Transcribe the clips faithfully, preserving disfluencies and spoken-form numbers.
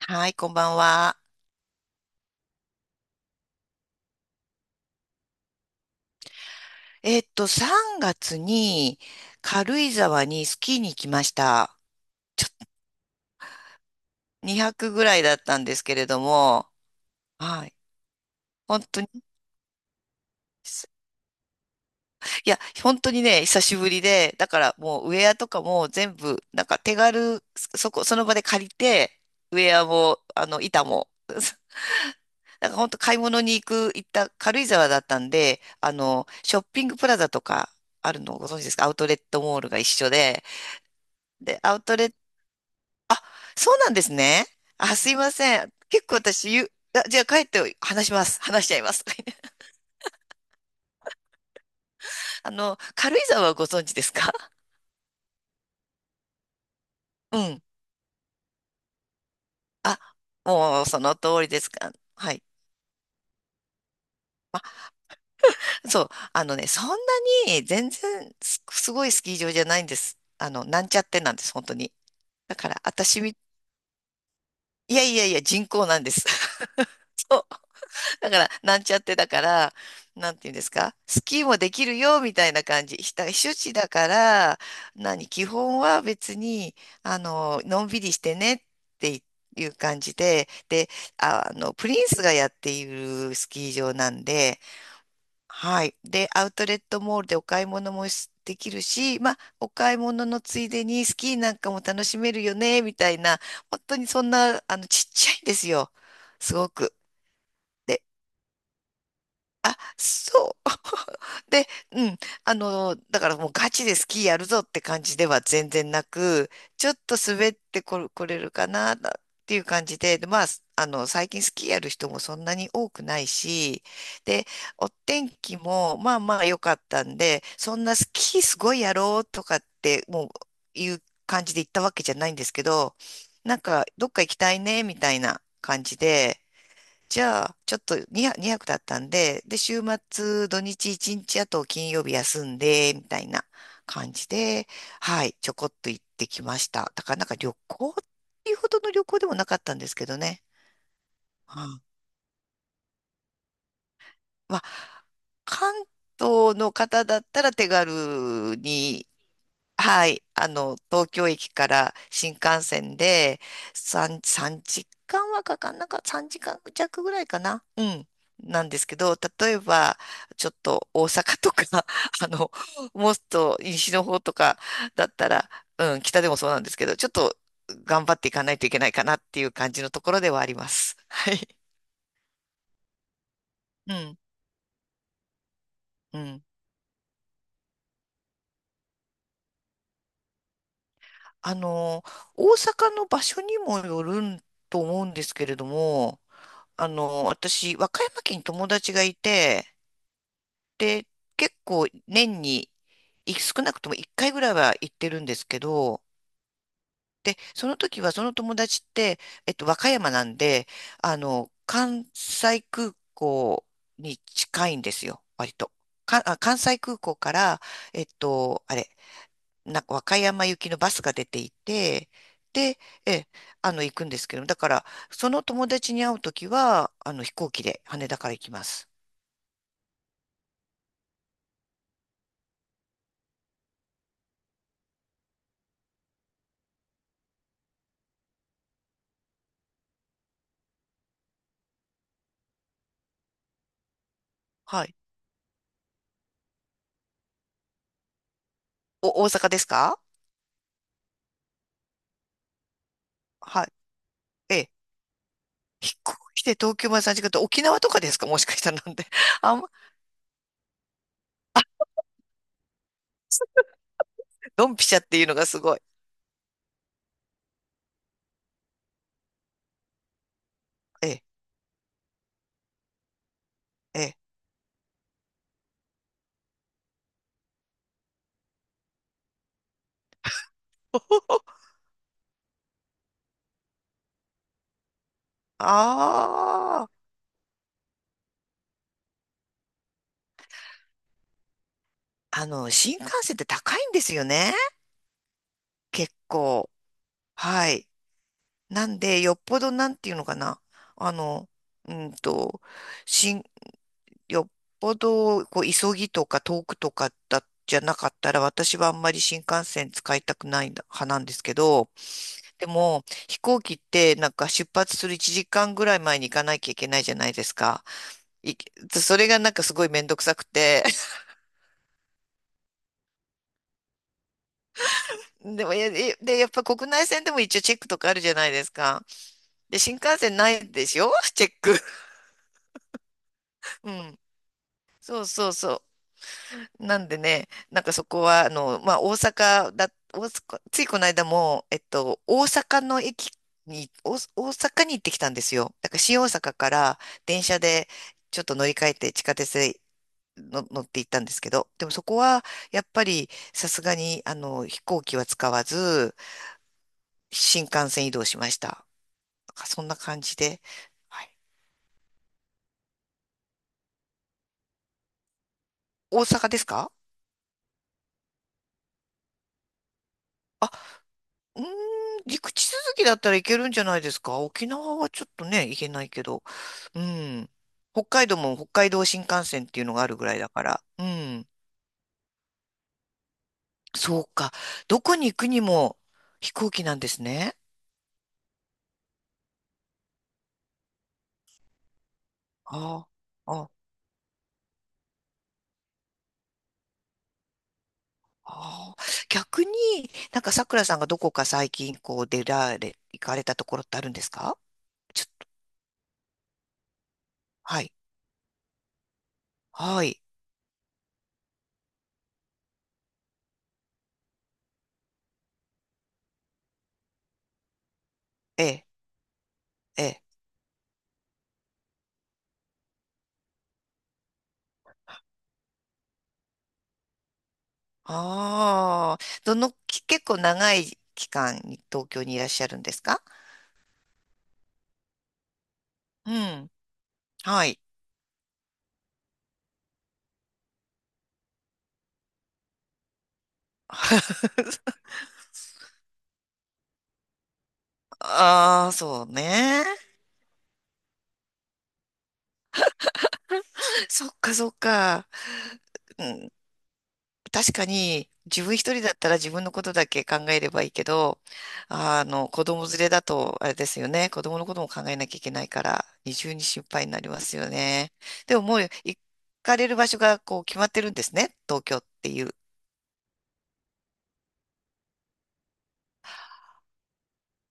はい、こんばんは。えっと、さんがつに軽井沢にスキーに行きました。にひゃくぐらいだったんですけれども、はい。本当に、すいや、本当にね、久しぶりで、だからもうウェアとかも全部、なんか手軽、そこ、その場で借りて、ウェアも、あの、板も、なんか本当買い物に行く、行った軽井沢だったんで、あの、ショッピングプラザとかあるのをご存知ですか？アウトレットモールが一緒で、で、アウトレッあ、そうなんですね。あ、すいません。結構私、ゆ、あ、じゃあ帰って話します。話しちゃいます。あの、軽井沢はご存知ですか？ うん。あ、もうその通りですか？はい。そう。あのね、そんなに全然す、すごいスキー場じゃないんです。あの、なんちゃってなんです、本当に。だから、私み、いやいやいや、人工なんです。だから、なんちゃってだから、なんていうんですか、スキーもできるよ、みたいな感じ。ひた避暑地だから、何、基本は別に、あの、のんびりしてねっていう感じで、で、あ、あの、プリンスがやっているスキー場なんで、はい。で、アウトレットモールでお買い物もしできるし、まあ、お買い物のついでにスキーなんかも楽しめるよね、みたいな、本当にそんな、あの、ちっちゃいんですよ。すごく。でそう。で、うん。あの、だからもうガチでスキーやるぞって感じでは全然なく、ちょっと滑ってこれ、これるかなっていう感じで、で、まあ、あの、最近スキーやる人もそんなに多くないし、で、お天気もまあまあ良かったんで、そんなスキーすごいやろうとかって、もういう感じで行ったわけじゃないんですけど、なんか、どっか行きたいね、みたいな感じで、じゃあ、ちょっと2、にはくだったんで、で、週末、土日いちにち、あと金曜日休んで、みたいな感じで、はい、ちょこっと行ってきました。だからなんか旅行っていうほどの旅行でもなかったんですけどね。うん。まあ、関東の方だったら手軽に、はい、あの、東京駅から新幹線でさん、さんじかんはかかんなかっ、さんじかん弱ぐらいかな。うん。なんですけど、例えば、ちょっと大阪とか、あの、もっと西の方とかだったら、うん、北でもそうなんですけど、ちょっと頑張っていかないといけないかなっていう感じのところではあります。はい。うん、うん。あの、大阪の場所にもよるんと思うんですけれども、あの、私、和歌山県に友達がいて、で、結構年にい少なくともいっかいぐらいは行ってるんですけど、で、その時はその友達って、えっと、和歌山なんで、あの、関西空港に近いんですよ、割と。か、あ、関西空港から、えっと、あれ、なんか和歌山行きのバスが出ていて、で、え、あの、行くんですけど、だから、その友達に会う時は、あの、飛行機で羽田から行きます。はい。お、大阪ですか？はい。ええ。飛行機で東京までさんじかんって沖縄とかですか？もしかしたら。なんで。あんま、ドンピシャっていうのがすごい。ええ、ええ。ああ、あの、新幹線って高いんですよね。結構。はい。なんで、よっぽどなんていうのかな。あの、うんと、新、よっぽど、こう、急ぎとか遠くとかだ、じゃなかったら、私はあんまり新幹線使いたくない派なんですけど、でも、飛行機ってなんか出発するいちじかんぐらい前に行かなきゃいけないじゃないですか。いそれがなんかすごいめんどくさくて。でも、いやいで、やっぱ国内線でも一応チェックとかあるじゃないですか。で、新幹線ないでしょ？ チェック。うん。そうそうそう。なんでね、なんかそこは、あの、まあ、大阪だ、大阪、ついこの間も、えっと、大阪の駅に、大大阪に行ってきたんですよ。だから新大阪から電車でちょっと乗り換えて地下鉄での乗って行ったんですけど、でもそこはやっぱりさすがにあの飛行機は使わず新幹線移動しました。なんかそんな感じで。はい。大阪ですか？あ、うーん、陸地続きだったらいけるんじゃないですか？沖縄はちょっとね、行けないけど。うん。北海道も北海道新幹線っていうのがあるぐらいだから。うん。そうか。どこに行くにも飛行機なんですね。ああ。あああ、逆になんかさくらさんがどこか最近こう出られ、行かれたところってあるんですか？ちょ、はい、はい、ええ、ええ、ああ、どの、き結構長い期間に東京にいらっしゃるんですか？うん、はい。ああ、そうね。そっかそっか。確かに自分一人だったら自分のことだけ考えればいいけど、あの、子供連れだとあれですよね。子供のことも考えなきゃいけないから、二重に心配になりますよね。でももう行かれる場所がこう決まってるんですね。東京っていう。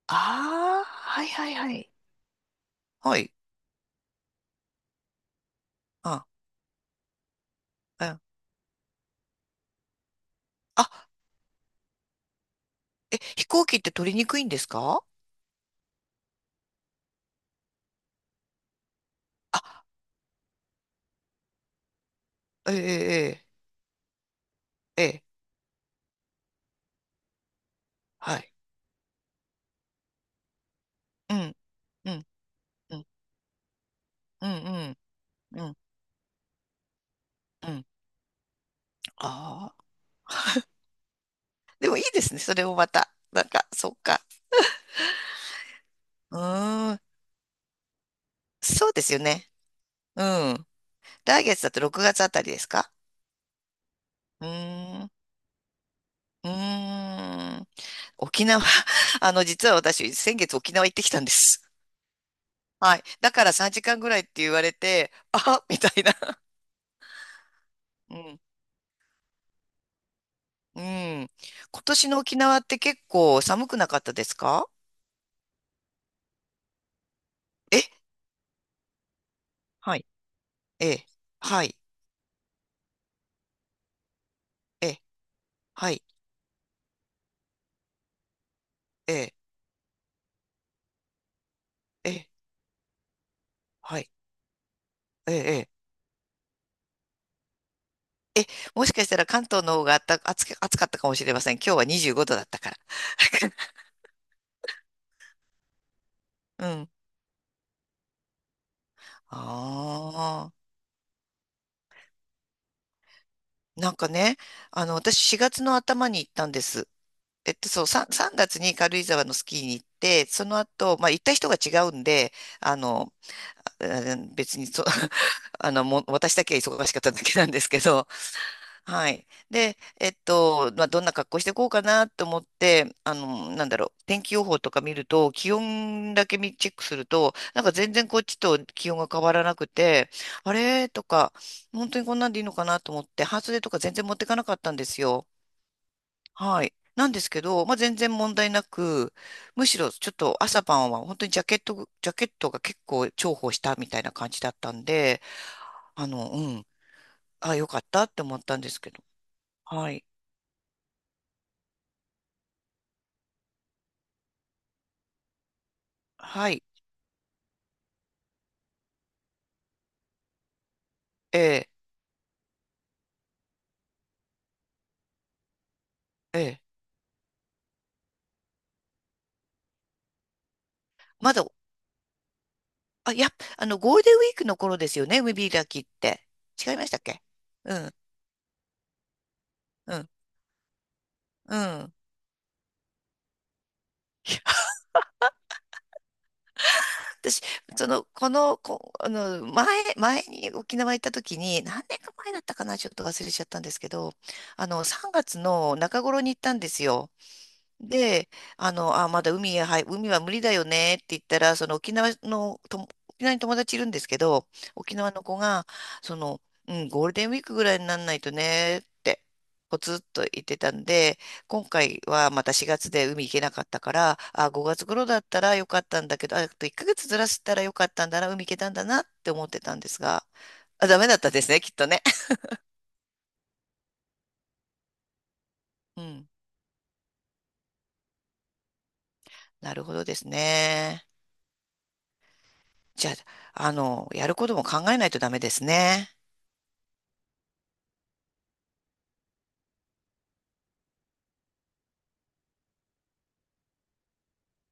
ああ、はいはいはい。はい。あ、うん。あ、え、飛行機って取りにくいんですか？あ、ええ、ええ、ええ、はい。うん、うん、うん、うん、うん、うん、うん。あ、でもいいですね。それもまた。なんか、そっか。うーん。そうですよね。うん。来月だとろくがつあたりですか？うーん。うーん。沖縄、あの、実は私、先月沖縄行ってきたんです。はい。だからさんじかんぐらいって言われて、あ、みたいな。うん。うん。今年の沖縄って結構寒くなかったですか？え、はい。ええ。はい。ええ。はい。ええ。ええ。はい。ええ。えええ、もしかしたら関東の方があった暑か、暑かったかもしれません。今日はにじゅうごどだったから。うん。ああ。なんかね、あの、私しがつの頭に行ったんです。えっと、そう、さん、さんがつに軽井沢のスキーに行って、その後、まあ、行った人が違うんで、あの、あ別にそ、あの、もう私だけは忙しかっただけなんですけど、はい。で、えっと、まあ、どんな格好していこうかなと思って、あの、なんだろう、天気予報とか見ると、気温だけ見チェックすると、なんか全然こっちと気温が変わらなくて、あれとか、本当にこんなんでいいのかなと思って、半袖とか全然持ってかなかったんですよ。はい。なんですけど、まあ、全然問題なく、むしろちょっと朝晩は本当にジャケット、ジャケットが結構重宝したみたいな感じだったんで、あの、うん、あ、よかったって思ったんですけど。はい。はい。ええ、ええ。まだ、あ、いや、あの、ゴールデンウィークの頃ですよね、海開きって。違いましたっけ？うん、うん、うん。私、その、この、こ、あの、前、前に沖縄行った時に、何年か前だったかな、ちょっと忘れちゃったんですけど、あの、さんがつの中頃に行ったんですよ。で、あの、あ、まだ海へ、はい、海は無理だよねって言ったら、その沖縄のとも、沖縄に友達いるんですけど、沖縄の子が、その、うん、ゴールデンウィークぐらいにならないとねって、ポツッと言ってたんで、今回はまたしがつで海行けなかったから、あ、ごがつ頃だったらよかったんだけど、ああといっかげつずらしたらよかったんだな、海行けたんだなって思ってたんですが、あ、ダメだったですね、きっとね。うん、なるほどですね。じゃあ、あの、やることも考えないとダメですね。